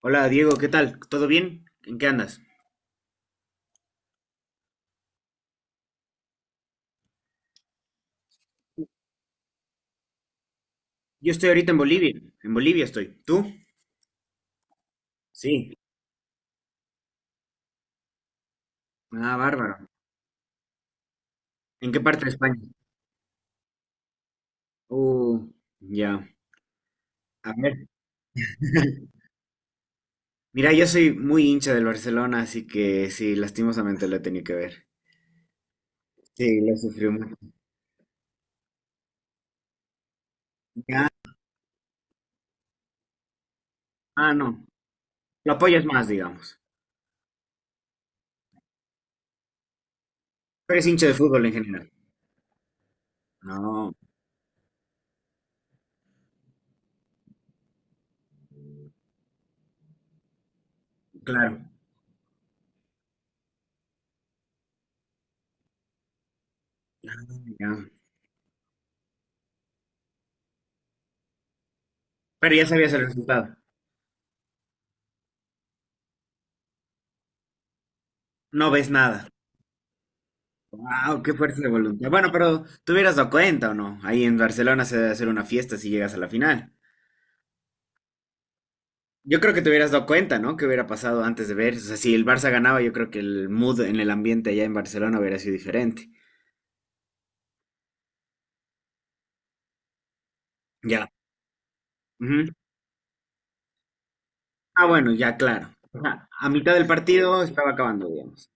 Hola Diego, ¿qué tal? ¿Todo bien? ¿En qué andas? Yo estoy ahorita en Bolivia. En Bolivia estoy. ¿Tú? Sí. Ah, bárbaro. ¿En qué parte de España? Uh, ya. A ver. Mira, yo soy muy hincha del Barcelona, así que sí, lastimosamente lo he tenido que ver. Sí, lo sufrió mucho. Ah, ah, no. Lo apoyas más, digamos. Pero es hincha de fútbol en general. No, claro. Ah, ya. Pero ya sabías el resultado. No ves nada. Wow, qué fuerza de voluntad. Bueno, pero te hubieras dado cuenta o no. Ahí en Barcelona se debe hacer una fiesta si llegas a la final. Yo creo que te hubieras dado cuenta, ¿no? ¿Qué hubiera pasado antes de ver? O sea, si el Barça ganaba, yo creo que el mood en el ambiente allá en Barcelona hubiera sido diferente. Ya. Ujú. Ah, bueno, ya, claro. Ajá, a mitad del partido estaba acabando, digamos.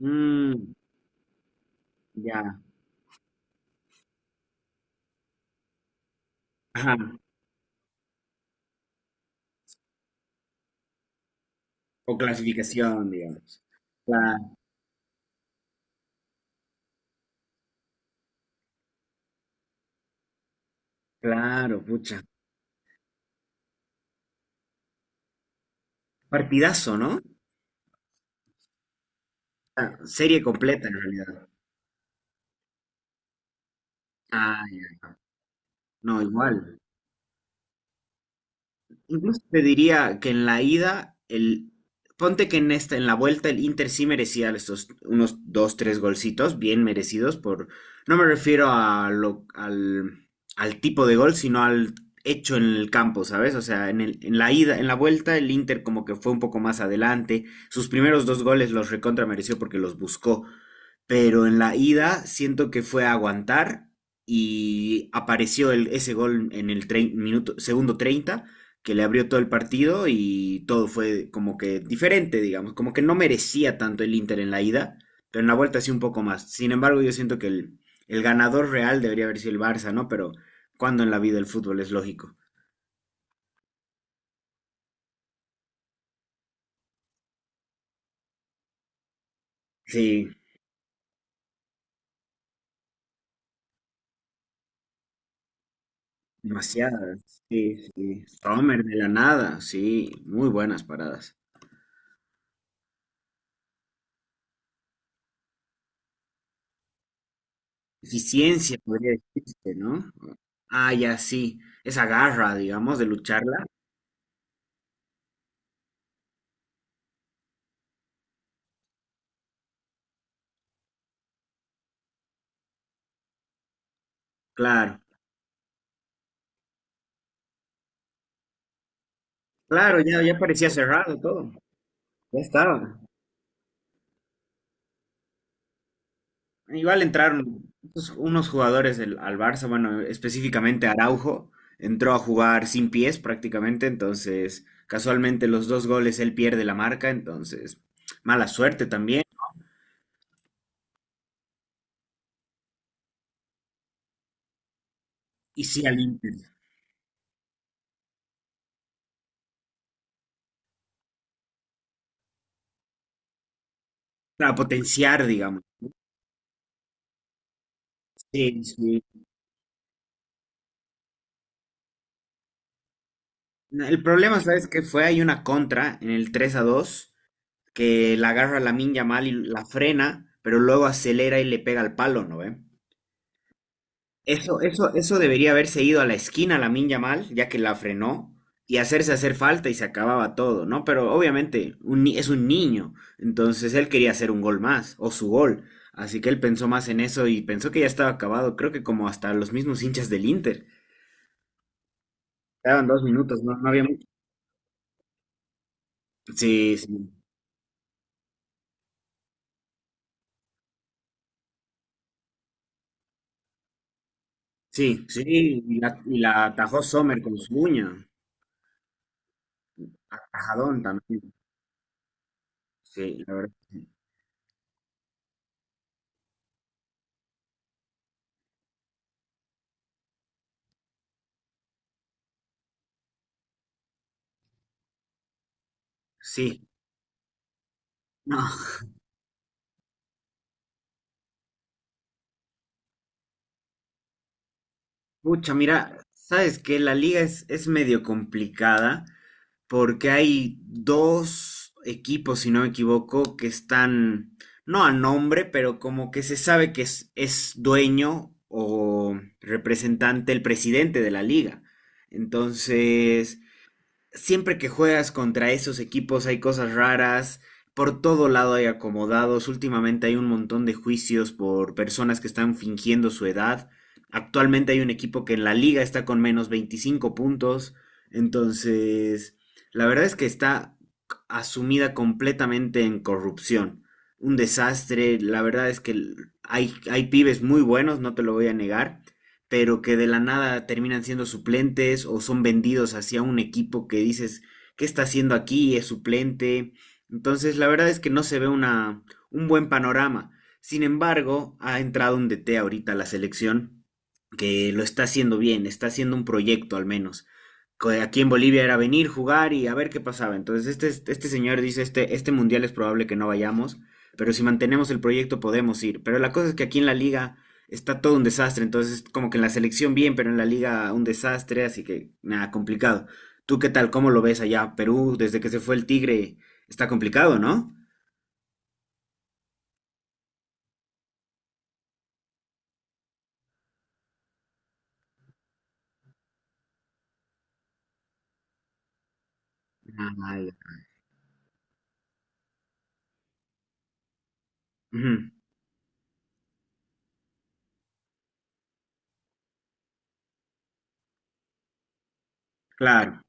Mm, ya. Ajá. O clasificación, digamos. Cla- Claro, pucha. Partidazo, ¿no? Ah, serie completa en realidad. Ah, ya. No, igual. Incluso te diría que en la ida, ponte que en esta, en la vuelta el Inter sí merecía estos unos dos, tres golcitos bien merecidos por, no me refiero a al tipo de gol, sino al hecho en el campo, ¿sabes? O sea, en la ida, en la vuelta el Inter como que fue un poco más adelante, sus primeros dos goles los recontra mereció porque los buscó, pero en la ida siento que fue a aguantar y apareció ese gol en el minuto, segundo 30 que le abrió todo el partido y todo fue como que diferente, digamos, como que no merecía tanto el Inter en la ida, pero en la vuelta sí un poco más. Sin embargo, yo siento que el ganador real debería haber sido el Barça, ¿no? Pero cuando en la vida el fútbol es lógico. Sí, demasiadas. Sí, sí. Sommer de la nada, sí, muy buenas paradas. Eficiencia, podría decirse, ¿no? Ah, ya sí, esa garra, digamos, de lucharla. Claro, claro, ya, ya parecía cerrado todo. Ya estaba. Igual entraron pues, unos jugadores al Barça, bueno, específicamente Araujo, entró a jugar sin pies prácticamente, entonces casualmente los dos goles él pierde la marca, entonces mala suerte también. Y sí al Inter, para potenciar, digamos. Sí, sí. El problema, ¿sabes qué fue? Hay una contra en el 3-2 que la agarra Lamine mal y la frena, pero luego acelera y le pega al palo, ¿no ve? Eso debería haberse ido a la esquina Lamin Yamal, ya que la frenó, y hacerse hacer falta y se acababa todo, ¿no? Pero obviamente un ni- es un niño, entonces él quería hacer un gol más, o su gol. Así que él pensó más en eso y pensó que ya estaba acabado, creo que como hasta los mismos hinchas del Inter. Quedaban dos minutos, no, no había mucho. Sí, sí, sí, sí, y la atajó Sommer con su uña. Atajadón también. Sí, la verdad. Sí. Sí. No. Pucha, mira, sabes que la liga es medio complicada porque hay dos equipos, si no me equivoco, que están, no a nombre, pero como que se sabe que es dueño o representante el presidente de la liga. Entonces, siempre que juegas contra esos equipos hay cosas raras. Por todo lado hay acomodados. Últimamente hay un montón de juicios por personas que están fingiendo su edad. Actualmente hay un equipo que en la liga está con -25 puntos. Entonces, la verdad es que está asumida completamente en corrupción. Un desastre. La verdad es que hay pibes muy buenos, no te lo voy a negar, pero que de la nada terminan siendo suplentes o son vendidos hacia un equipo que dices, ¿qué está haciendo aquí? Es suplente. Entonces, la verdad es que no se ve un buen panorama. Sin embargo, ha entrado un DT ahorita a la selección que lo está haciendo bien, está haciendo un proyecto al menos. Que aquí en Bolivia era venir, jugar y a ver qué pasaba. Entonces, este señor dice, este mundial es probable que no vayamos, pero si mantenemos el proyecto podemos ir. Pero la cosa es que aquí en la liga está todo un desastre. Entonces, como que en la selección bien, pero en la liga un desastre, así que nada, complicado. ¿Tú qué tal? ¿Cómo lo ves allá? Perú, desde que se fue el Tigre, está complicado, ¿no? Ah, ya. Ujú, claro,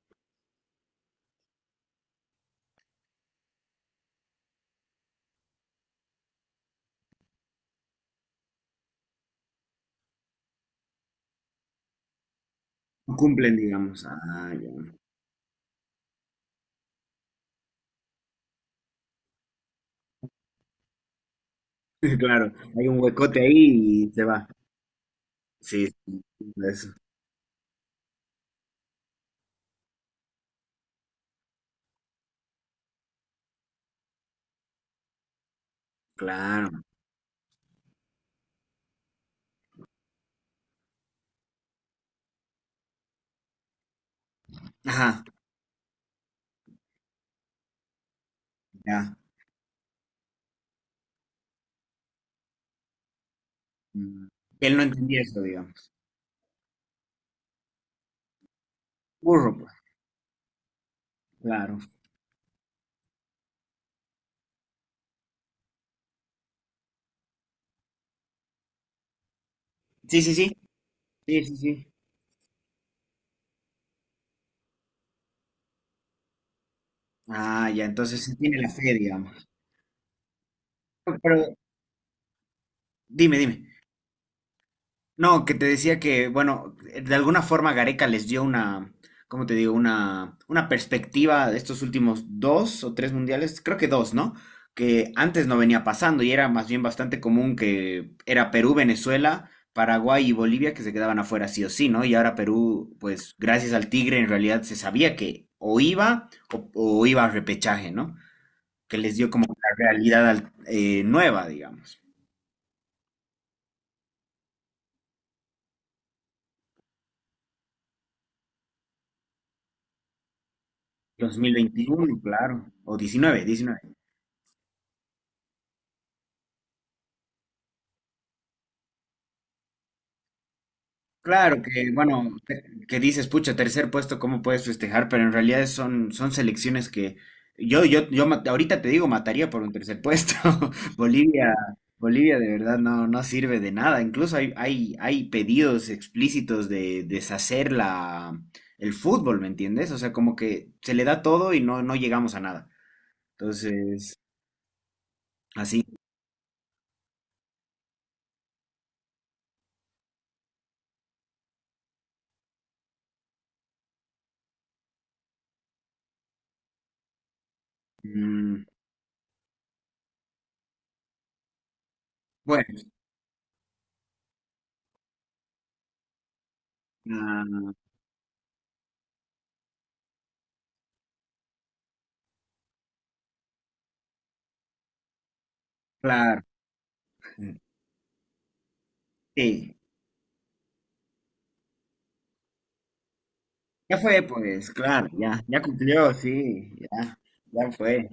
no cumplen, digamos. Ah, ya. Claro, hay un huecote ahí y se va. Sí, sí, eso, claro. Ajá, ya. Mm. Él no entendía eso, digamos. Burro, pues, claro. Sí, sí, sí. Sí, sí, sí. Ah, ya, entonces sí tiene la fe, digamos. Pero dime, dime. No, que te decía que, bueno, de alguna forma Gareca les dio una, ¿cómo te digo? Una perspectiva de estos últimos dos o tres mundiales, creo que dos, ¿no? Que antes no venía pasando y era más bien bastante común que era Perú, Venezuela, Paraguay y Bolivia que se quedaban afuera sí o sí, ¿no? Y ahora Perú, pues gracias al Tigre en realidad se sabía que o iba a repechaje, ¿no? Que les dio como una realidad nueva, digamos. 2021, claro, o 19, 19. Claro que, bueno, que dices, pucha, tercer puesto, ¿cómo puedes festejar? Pero en realidad son selecciones que yo ahorita te digo, mataría por un tercer puesto. Bolivia, Bolivia de verdad no, no sirve de nada. Incluso hay pedidos explícitos de deshacer el fútbol, ¿me entiendes? O sea, como que se le da todo y no, no llegamos a nada. Entonces, así. Mm, bueno, ah, claro. Sí, ya fue, pues, claro, ya, ya cumplió, sí, ya, ya fue.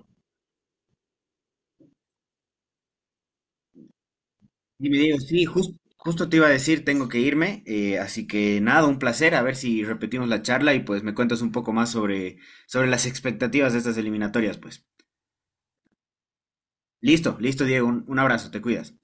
Y me digo, sí, justo te iba a decir, tengo que irme, así que nada, un placer, a ver si repetimos la charla y pues me cuentas un poco más sobre, sobre las expectativas de estas eliminatorias, pues. Listo, listo, Diego, un abrazo, te cuidas.